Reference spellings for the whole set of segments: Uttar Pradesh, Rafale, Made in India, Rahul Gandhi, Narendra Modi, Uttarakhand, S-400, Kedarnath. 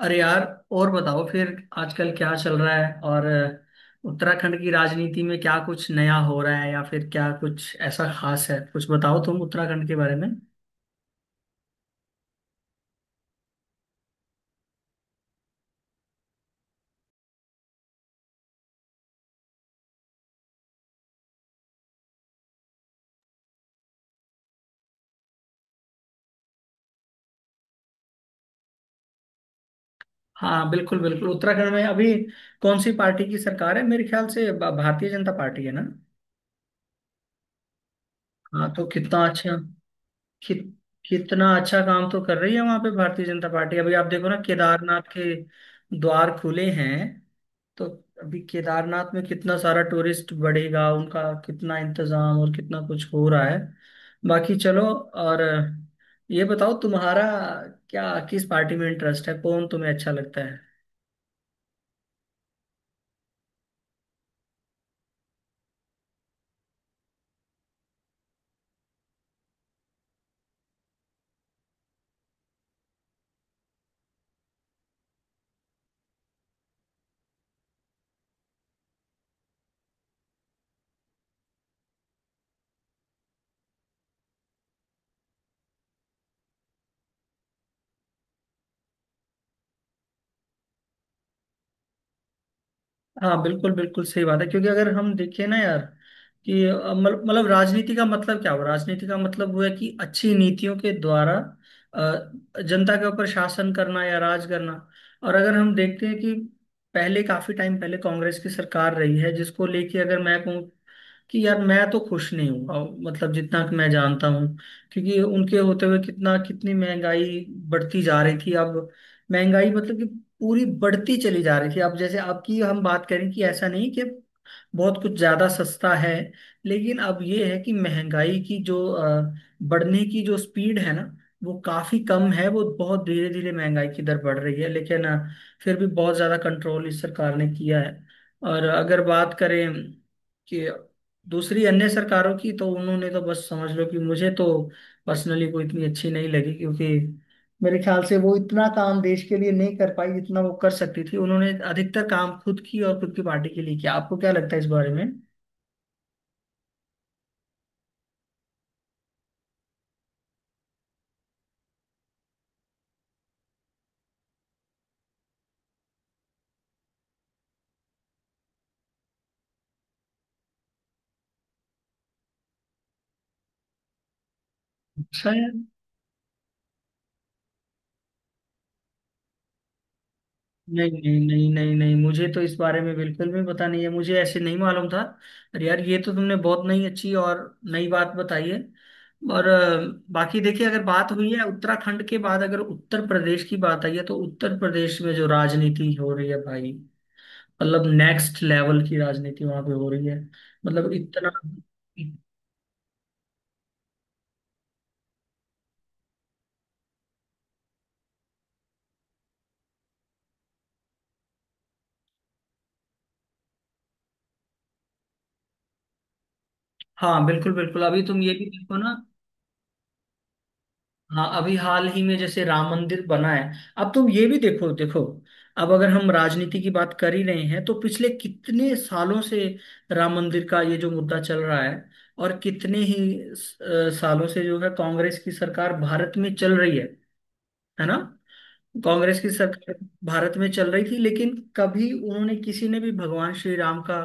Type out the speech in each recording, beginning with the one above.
अरे यार। और बताओ फिर। आजकल क्या चल रहा है और उत्तराखंड की राजनीति में क्या कुछ नया हो रहा है या फिर क्या कुछ ऐसा खास है? कुछ बताओ तुम उत्तराखंड के बारे में। हाँ, बिल्कुल बिल्कुल। उत्तराखंड में अभी कौन सी पार्टी की सरकार है? मेरे ख्याल से भारतीय जनता पार्टी है ना। हाँ, तो कितना अच्छा। कित, कितना अच्छा काम तो कर रही है वहां पे भारतीय जनता पार्टी। अभी आप देखो ना, केदारनाथ के द्वार खुले हैं। तो अभी केदारनाथ में कितना सारा टूरिस्ट बढ़ेगा, उनका कितना इंतजाम और कितना कुछ हो रहा है। बाकी चलो, और ये बताओ तुम्हारा क्या, किस पार्टी में इंटरेस्ट है, कौन तुम्हें अच्छा लगता। हाँ, बिल्कुल बिल्कुल सही बात है। क्योंकि अगर हम देखें ना यार कि मतलब राजनीति का मतलब क्या हुआ? राजनीति का मतलब हुआ कि अच्छी नीतियों के द्वारा अ, जनता के ऊपर शासन करना या राज करना। और अगर हम देखते हैं कि पहले काफी टाइम पहले कांग्रेस की सरकार रही है, जिसको लेके अगर मैं कहूँ कि यार मैं तो खुश नहीं हूँ अब, मतलब जितना कि मैं जानता हूँ। क्योंकि उनके होते हुए कितना, कितनी महंगाई बढ़ती जा रही थी। अब महंगाई मतलब कि पूरी बढ़ती चली जा रही थी। अब जैसे आपकी, हम बात करें कि ऐसा नहीं कि बहुत कुछ ज्यादा सस्ता है, लेकिन अब ये है कि महंगाई की जो बढ़ने की जो स्पीड है ना, वो काफी कम है। वो बहुत धीरे धीरे महंगाई की दर बढ़ रही है, लेकिन फिर भी बहुत ज्यादा कंट्रोल इस सरकार ने किया है। और अगर बात करें कि दूसरी अन्य सरकारों की, तो उन्होंने तो बस समझ लो कि मुझे तो पर्सनली कोई इतनी अच्छी नहीं लगी। क्योंकि मेरे ख्याल से वो इतना काम देश के लिए नहीं कर पाई जितना वो कर सकती थी। उन्होंने अधिकतर काम खुद की और खुद की पार्टी के लिए किया। आपको क्या लगता है इस बारे में? शायद। नहीं नहीं नहीं नहीं नहीं, मुझे तो इस बारे में बिल्कुल भी पता नहीं है, मुझे ऐसे नहीं मालूम था। अरे यार, ये तो तुमने बहुत नई अच्छी और नई बात बताई है। और बाकी देखिए, अगर बात हुई है उत्तराखंड के बाद, अगर उत्तर प्रदेश की बात आई है, तो उत्तर प्रदेश में जो राजनीति हो रही है भाई, मतलब नेक्स्ट लेवल की राजनीति वहां पे हो रही है। मतलब इतना। हाँ बिल्कुल बिल्कुल। अभी तुम ये भी देखो ना। हाँ, अभी हाल ही में जैसे राम मंदिर बना है। अब तुम ये भी देखो, देखो, अब अगर हम राजनीति की बात कर ही रहे हैं, तो पिछले कितने सालों से राम मंदिर का ये जो मुद्दा चल रहा है। और कितने ही सालों से जो है कांग्रेस की सरकार भारत में चल रही है ना? कांग्रेस की सरकार भारत में चल रही थी, लेकिन कभी उन्होंने, किसी ने भी, भगवान श्री राम का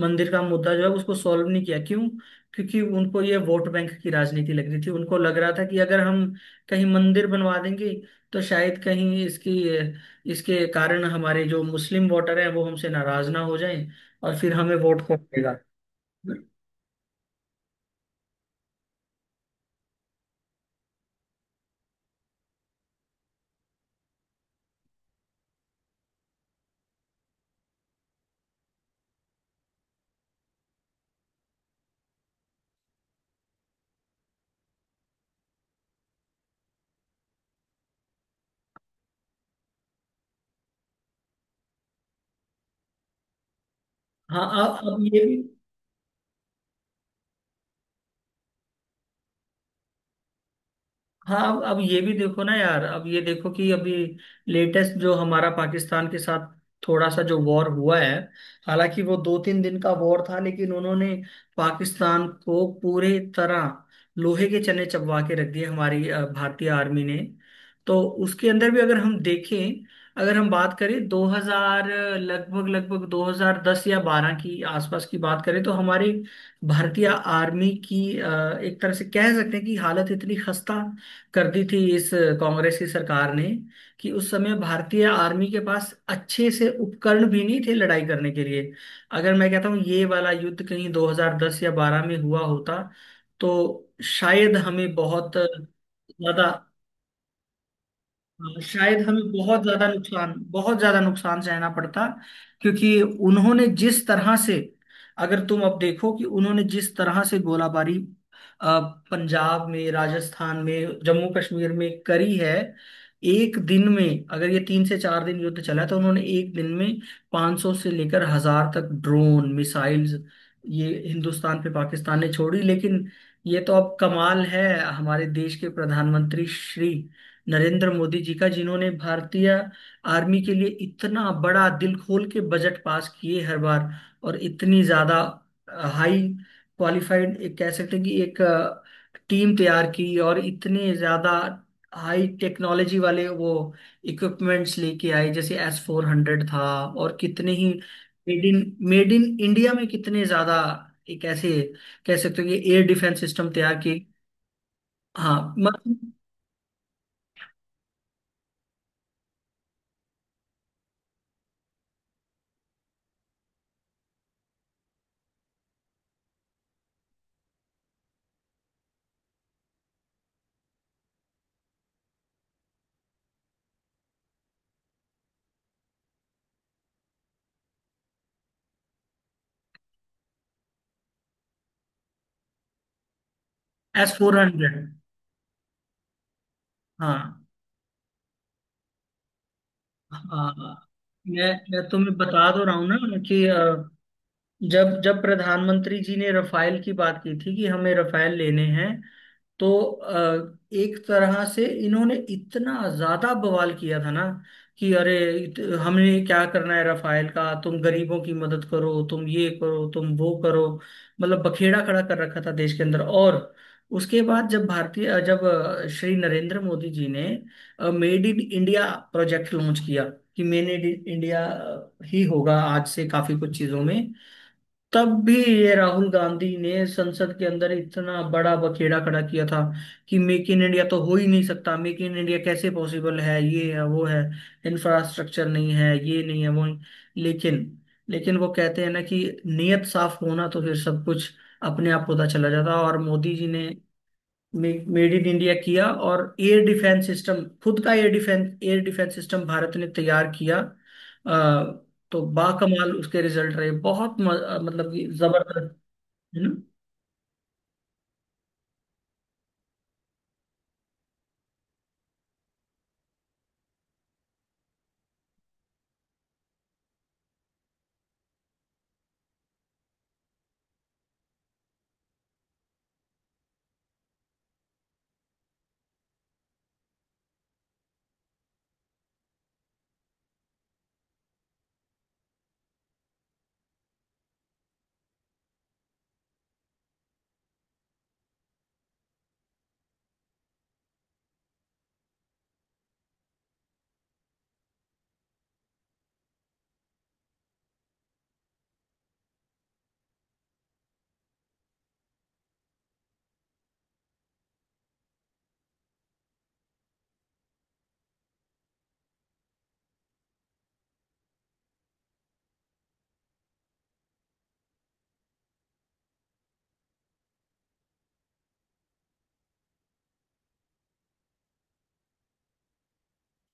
मंदिर का मुद्दा जो है उसको सॉल्व नहीं किया। क्यों? क्योंकि उनको ये वोट बैंक की राजनीति लग रही थी। उनको लग रहा था कि अगर हम कहीं मंदिर बनवा देंगे, तो शायद कहीं इसकी, इसके कारण हमारे जो मुस्लिम वोटर हैं वो हमसे नाराज ना हो जाएं, और फिर हमें वोट कौन देगा? हाँ। अब ये। हाँ, अब ये भी देखो ना यार, अब ये देखो कि अभी लेटेस्ट जो हमारा पाकिस्तान के साथ थोड़ा सा जो वॉर हुआ है, हालांकि वो दो तीन दिन का वॉर था, लेकिन उन्होंने पाकिस्तान को पूरे तरह लोहे के चने चबवा के रख दिए हमारी भारतीय आर्मी ने। तो उसके अंदर भी अगर हम देखें, अगर हम बात करें 2000, लगभग लगभग 2010 या 12 की आसपास की बात करें, तो हमारी भारतीय आर्मी की एक तरह से कह सकते हैं कि हालत इतनी खस्ता कर दी थी इस कांग्रेस की सरकार ने कि उस समय भारतीय आर्मी के पास अच्छे से उपकरण भी नहीं थे लड़ाई करने के लिए। अगर मैं कहता हूँ ये वाला युद्ध कहीं 2010 या 12 में हुआ होता, तो शायद हमें बहुत ज्यादा, शायद हमें बहुत ज्यादा नुकसान, बहुत ज्यादा नुकसान सहना पड़ता। क्योंकि उन्होंने जिस तरह से, अगर तुम अब देखो कि उन्होंने जिस तरह से गोलाबारी अ, पंजाब में, राजस्थान में, जम्मू कश्मीर में करी है, एक दिन में, अगर ये तीन से चार दिन युद्ध चला, तो उन्होंने एक दिन में 500 से लेकर हजार तक ड्रोन मिसाइल्स ये हिंदुस्तान पे पाकिस्तान ने छोड़ी। लेकिन ये तो अब कमाल है हमारे देश के प्रधानमंत्री श्री नरेंद्र मोदी जी का, जिन्होंने भारतीय आर्मी के लिए इतना बड़ा दिल खोल के बजट पास किए हर बार। और इतनी ज्यादा हाई क्वालिफाइड एक कह सकते हैं कि एक टीम तैयार की, और इतने ज्यादा हाई टेक्नोलॉजी वाले वो इक्विपमेंट्स लेके आए, जैसे S-400 था, और कितने ही made in made in India में कितने ज्यादा एक ऐसे कह सकते हो कि एयर डिफेंस सिस्टम तैयार किए। हाँ मतलब। S-400। हाँ। हाँ, मैं तुम्हें बता दो रहा हूँ ना कि जब जब प्रधानमंत्री जी ने रफाल की बात की थी कि हमें रफाल लेने हैं, तो एक तरह से इन्होंने इतना ज्यादा बवाल किया था ना कि अरे, हमने क्या करना है रफाल का? तुम गरीबों की मदद करो, तुम ये करो, तुम वो करो। मतलब बखेड़ा खड़ा कर रखा था देश के अंदर। और उसके बाद जब भारतीय, श्री नरेंद्र मोदी जी ने made in India project launch किया कि मेड इन इंडिया ही होगा आज से काफी कुछ चीजों में, तब भी ये राहुल गांधी ने संसद के अंदर इतना बड़ा बखेड़ा खड़ा किया था कि मेक इन इंडिया तो हो ही नहीं सकता, मेक इन इंडिया कैसे पॉसिबल है, ये है वो है, इंफ्रास्ट्रक्चर नहीं है, ये नहीं है, वो नहीं। लेकिन, लेकिन वो कहते हैं ना कि नियत साफ होना तो फिर सब कुछ अपने आप होता चला जाता, और मोदी जी ने मेड इन इंडिया किया और एयर डिफेंस सिस्टम, खुद का एयर डिफेंस सिस्टम भारत ने तैयार किया। आ, तो बाकमाल उसके रिजल्ट रहे बहुत, मतलब कि जबरदस्त। है ना?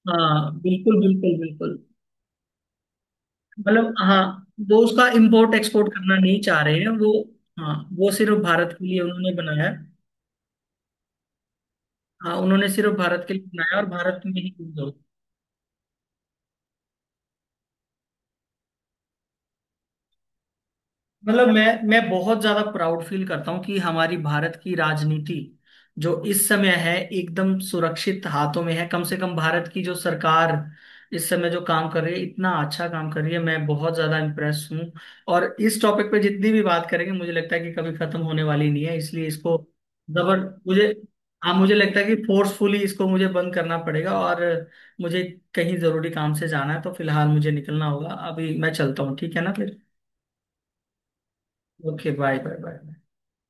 हाँ बिल्कुल बिल्कुल बिल्कुल। मतलब, हाँ, वो उसका इम्पोर्ट एक्सपोर्ट करना नहीं चाह रहे हैं वो। हाँ, वो सिर्फ भारत के लिए उन्होंने बनाया। हाँ, उन्होंने सिर्फ भारत के लिए बनाया और भारत में ही use होगा। मतलब मैं बहुत ज्यादा प्राउड फील करता हूँ कि हमारी भारत की राजनीति जो इस समय है एकदम सुरक्षित हाथों में है। कम से कम भारत की जो सरकार इस समय जो काम कर रही है, इतना अच्छा काम कर रही है, मैं बहुत ज्यादा इम्प्रेस हूँ। और इस टॉपिक पे जितनी भी बात करेंगे मुझे लगता है कि कभी खत्म होने वाली नहीं है, इसलिए इसको, जबर, मुझे, हाँ, मुझे लगता है कि फोर्सफुली इसको मुझे बंद करना पड़ेगा। और मुझे कहीं जरूरी काम से जाना है तो फिलहाल मुझे निकलना होगा। अभी मैं चलता हूँ, ठीक है ना? फिर ओके, बाय बाय बाय।